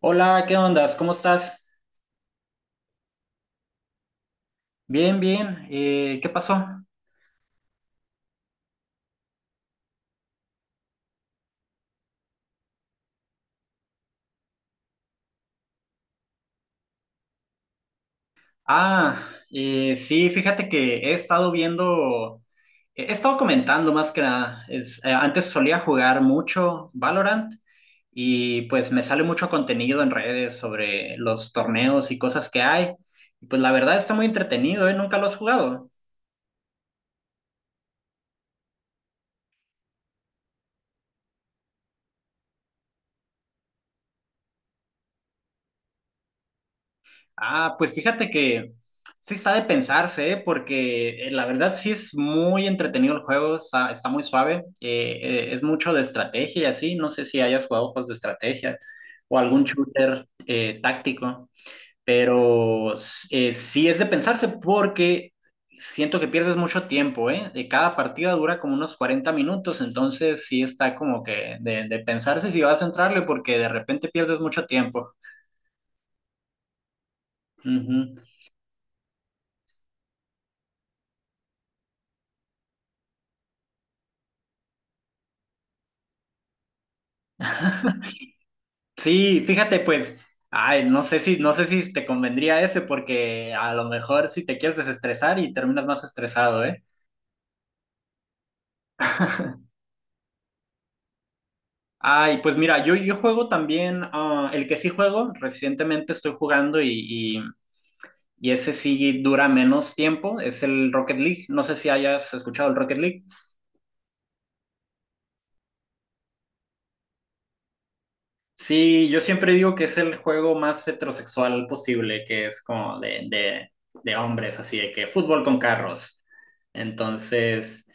Hola, ¿qué ondas? ¿Cómo estás? Bien, bien. ¿Qué pasó? Ah, sí, fíjate que he estado viendo, he estado comentando más que nada. Antes solía jugar mucho Valorant y pues me sale mucho contenido en redes sobre los torneos y cosas que hay. Y pues la verdad está muy entretenido, ¿eh? Nunca lo has jugado. Ah, pues fíjate que sí está de pensarse, ¿eh? Porque la verdad sí es muy entretenido el juego, está muy suave, es mucho de estrategia y así, no sé si hayas jugado juegos de estrategia o algún shooter táctico, pero sí es de pensarse porque siento que pierdes mucho tiempo, ¿eh? Cada partida dura como unos 40 minutos, entonces sí está como que de pensarse si vas a entrarle porque de repente pierdes mucho tiempo. Ujú. Sí, fíjate, pues, ay, no sé si te convendría ese, porque a lo mejor si te quieres desestresar y terminas más estresado, ¿eh? Ay, pues mira, yo juego también, el que sí juego, recientemente estoy jugando y, y ese sí dura menos tiempo, es el Rocket League. No sé si hayas escuchado el Rocket League. Sí, yo siempre digo que es el juego más heterosexual posible, que es como de hombres, así de que fútbol con carros. Entonces,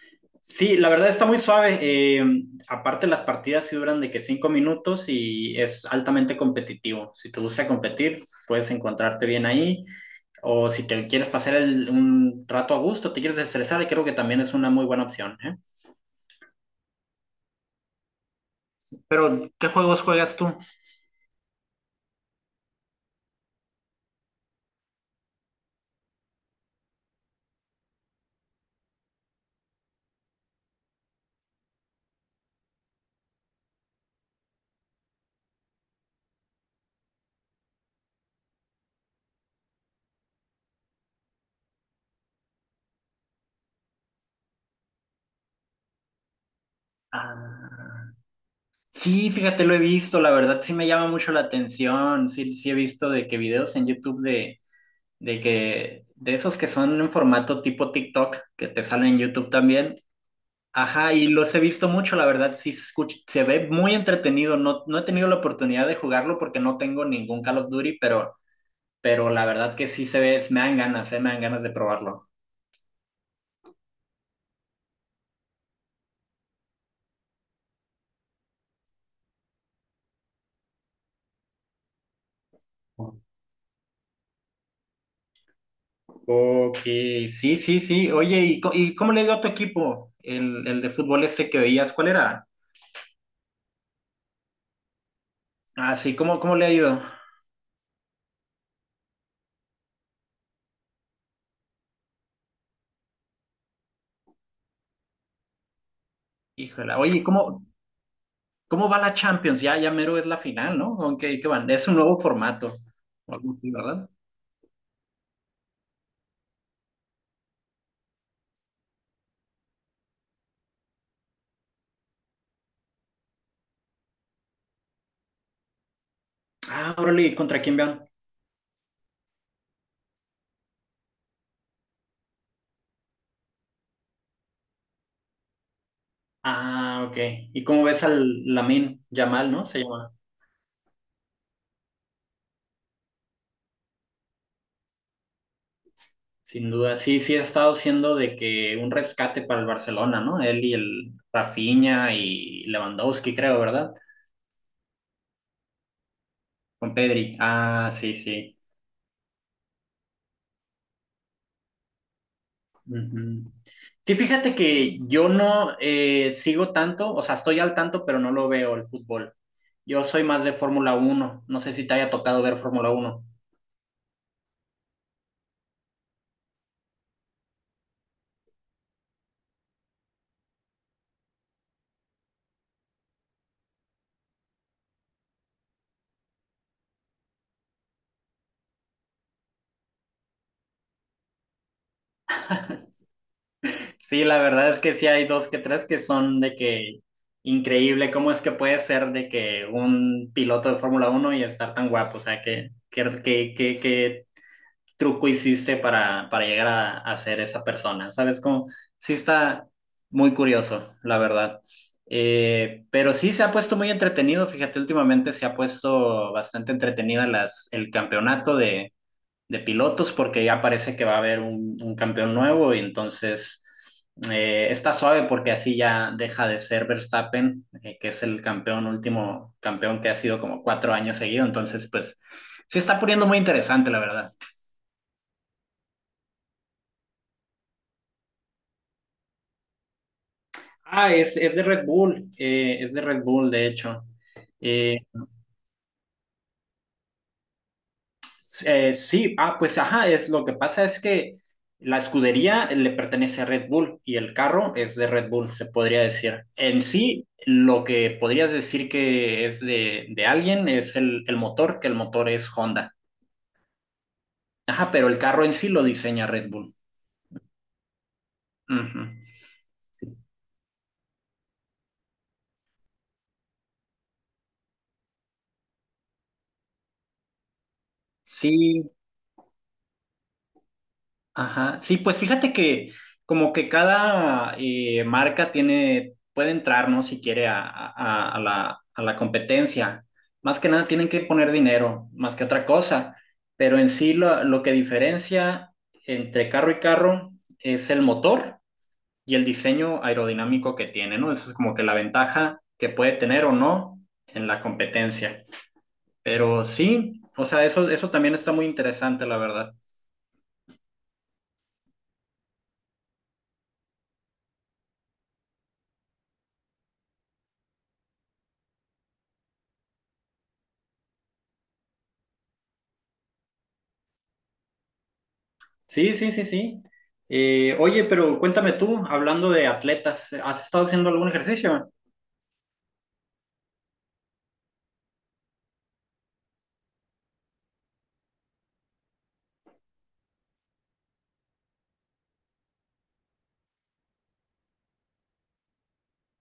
sí, la verdad está muy suave. Aparte, las partidas sí duran de que 5 minutos y es altamente competitivo. Si te gusta competir, puedes encontrarte bien ahí. O si te quieres pasar un rato a gusto, te quieres estresar, creo que también es una muy buena opción, ¿eh? Pero, ¿qué juegos juegas tú? Ah. Sí, fíjate, lo he visto, la verdad sí me llama mucho la atención. Sí, sí he visto de que videos en YouTube de esos que son en formato tipo TikTok, que te salen en YouTube también. Ajá, y los he visto mucho, la verdad sí se ve muy entretenido. No, no he tenido la oportunidad de jugarlo porque no tengo ningún Call of Duty, pero la verdad que sí se ve, me dan ganas de probarlo. Ok, sí, sí, sí. Oye, ¿Y cómo le dio a tu equipo el de fútbol ese que veías? ¿Cuál era? Ah, sí, ¿cómo le ha ido? Híjole, oye, cómo va la Champions? Ya, ya mero es la final, ¿no? ¿Con qué van? Es un nuevo formato, o algo así, ¿verdad? Ah, órale, ¿contra quién van? Ah, ok. ¿Y cómo ves al Lamine Yamal, ¿no? Se llama. Sin duda. Sí, sí ha estado siendo de que un rescate para el Barcelona, ¿no? Él y el Rafinha y Lewandowski, creo, ¿verdad? Con Pedri. Ah, sí, sí. Ujú. Sí, fíjate que yo no sigo tanto, o sea, estoy al tanto, pero no lo veo el fútbol. Yo soy más de Fórmula Uno. No sé si te haya tocado ver Fórmula Uno. Sí, la verdad es que sí hay dos que tres que son de que increíble, cómo es que puede ser de que un piloto de Fórmula Uno y estar tan guapo, o sea, que truco hiciste para llegar a ser esa persona? ¿Sabes cómo? Sí está muy curioso, la verdad. Pero sí se ha puesto muy entretenido, fíjate, últimamente se ha puesto bastante entretenida el campeonato de pilotos porque ya parece que va a haber un campeón nuevo y entonces está suave porque así ya deja de ser Verstappen, que es el campeón último, campeón que ha sido como 4 años seguido, entonces pues se está poniendo muy interesante, la verdad. Ah, es de Red Bull, es de Red Bull, de hecho. Eh, sí, ah, pues ajá, es lo que pasa es que la escudería le pertenece a Red Bull y el carro es de Red Bull, se podría decir. En sí, lo que podrías decir que es de alguien es el motor, que el motor es Honda. Ajá, pero el carro en sí lo diseña Red Bull. Ujú. Sí. Sí, ajá, sí, pues fíjate que como que cada marca tiene, puede entrar, ¿no? Si quiere a a la competencia. Más que nada tienen que poner dinero, más que otra cosa. Pero en sí lo que diferencia entre carro y carro es el motor y el diseño aerodinámico que tiene, ¿no? Eso es como que la ventaja que puede tener o no en la competencia. Pero sí, o sea, eso también está muy interesante, la verdad. Sí, sí, sí, sí. Oye, pero cuéntame tú, hablando de atletas, ¿has estado haciendo algún ejercicio?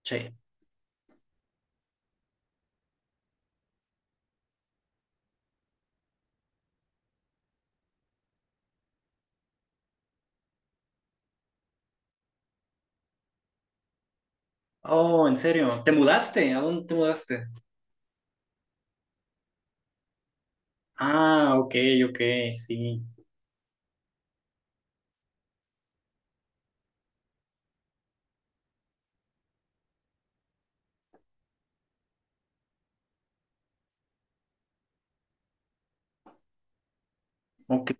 Che. Oh, en serio. ¿Te mudaste? ¿A dónde te mudaste? Ah, ok, ok, sí. Ok.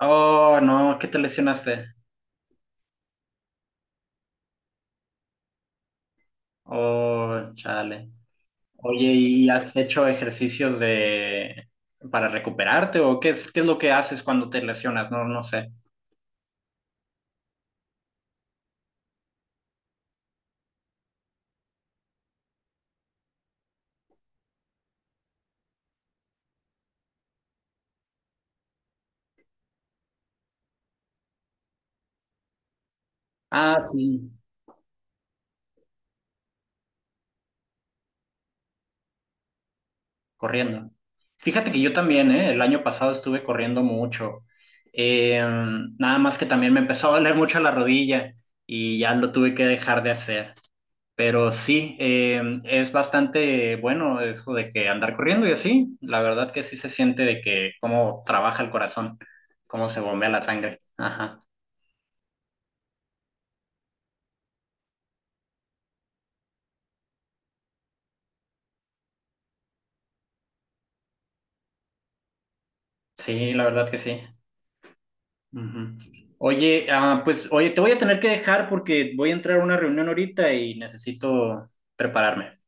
Oh, no, ¿qué te lesionaste? Oh, chale. Oye, ¿y has hecho ejercicios de para recuperarte o qué es lo que haces cuando te lesionas? No, no sé. Ah, sí. Corriendo. Fíjate que yo también, ¿eh? El año pasado estuve corriendo mucho. Eh, Nada más que también me empezó a doler mucho la rodilla y ya lo tuve que dejar de hacer. Pero sí, es bastante bueno eso de que andar corriendo y así. La verdad que sí se siente de que cómo trabaja el corazón, cómo se bombea la sangre. Ajá. Sí, la verdad que sí. Ujú. Oye, pues oye, te voy a tener que dejar porque voy a entrar a una reunión ahorita y necesito prepararme.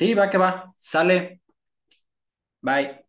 Sí, va que va. Sale. Bye.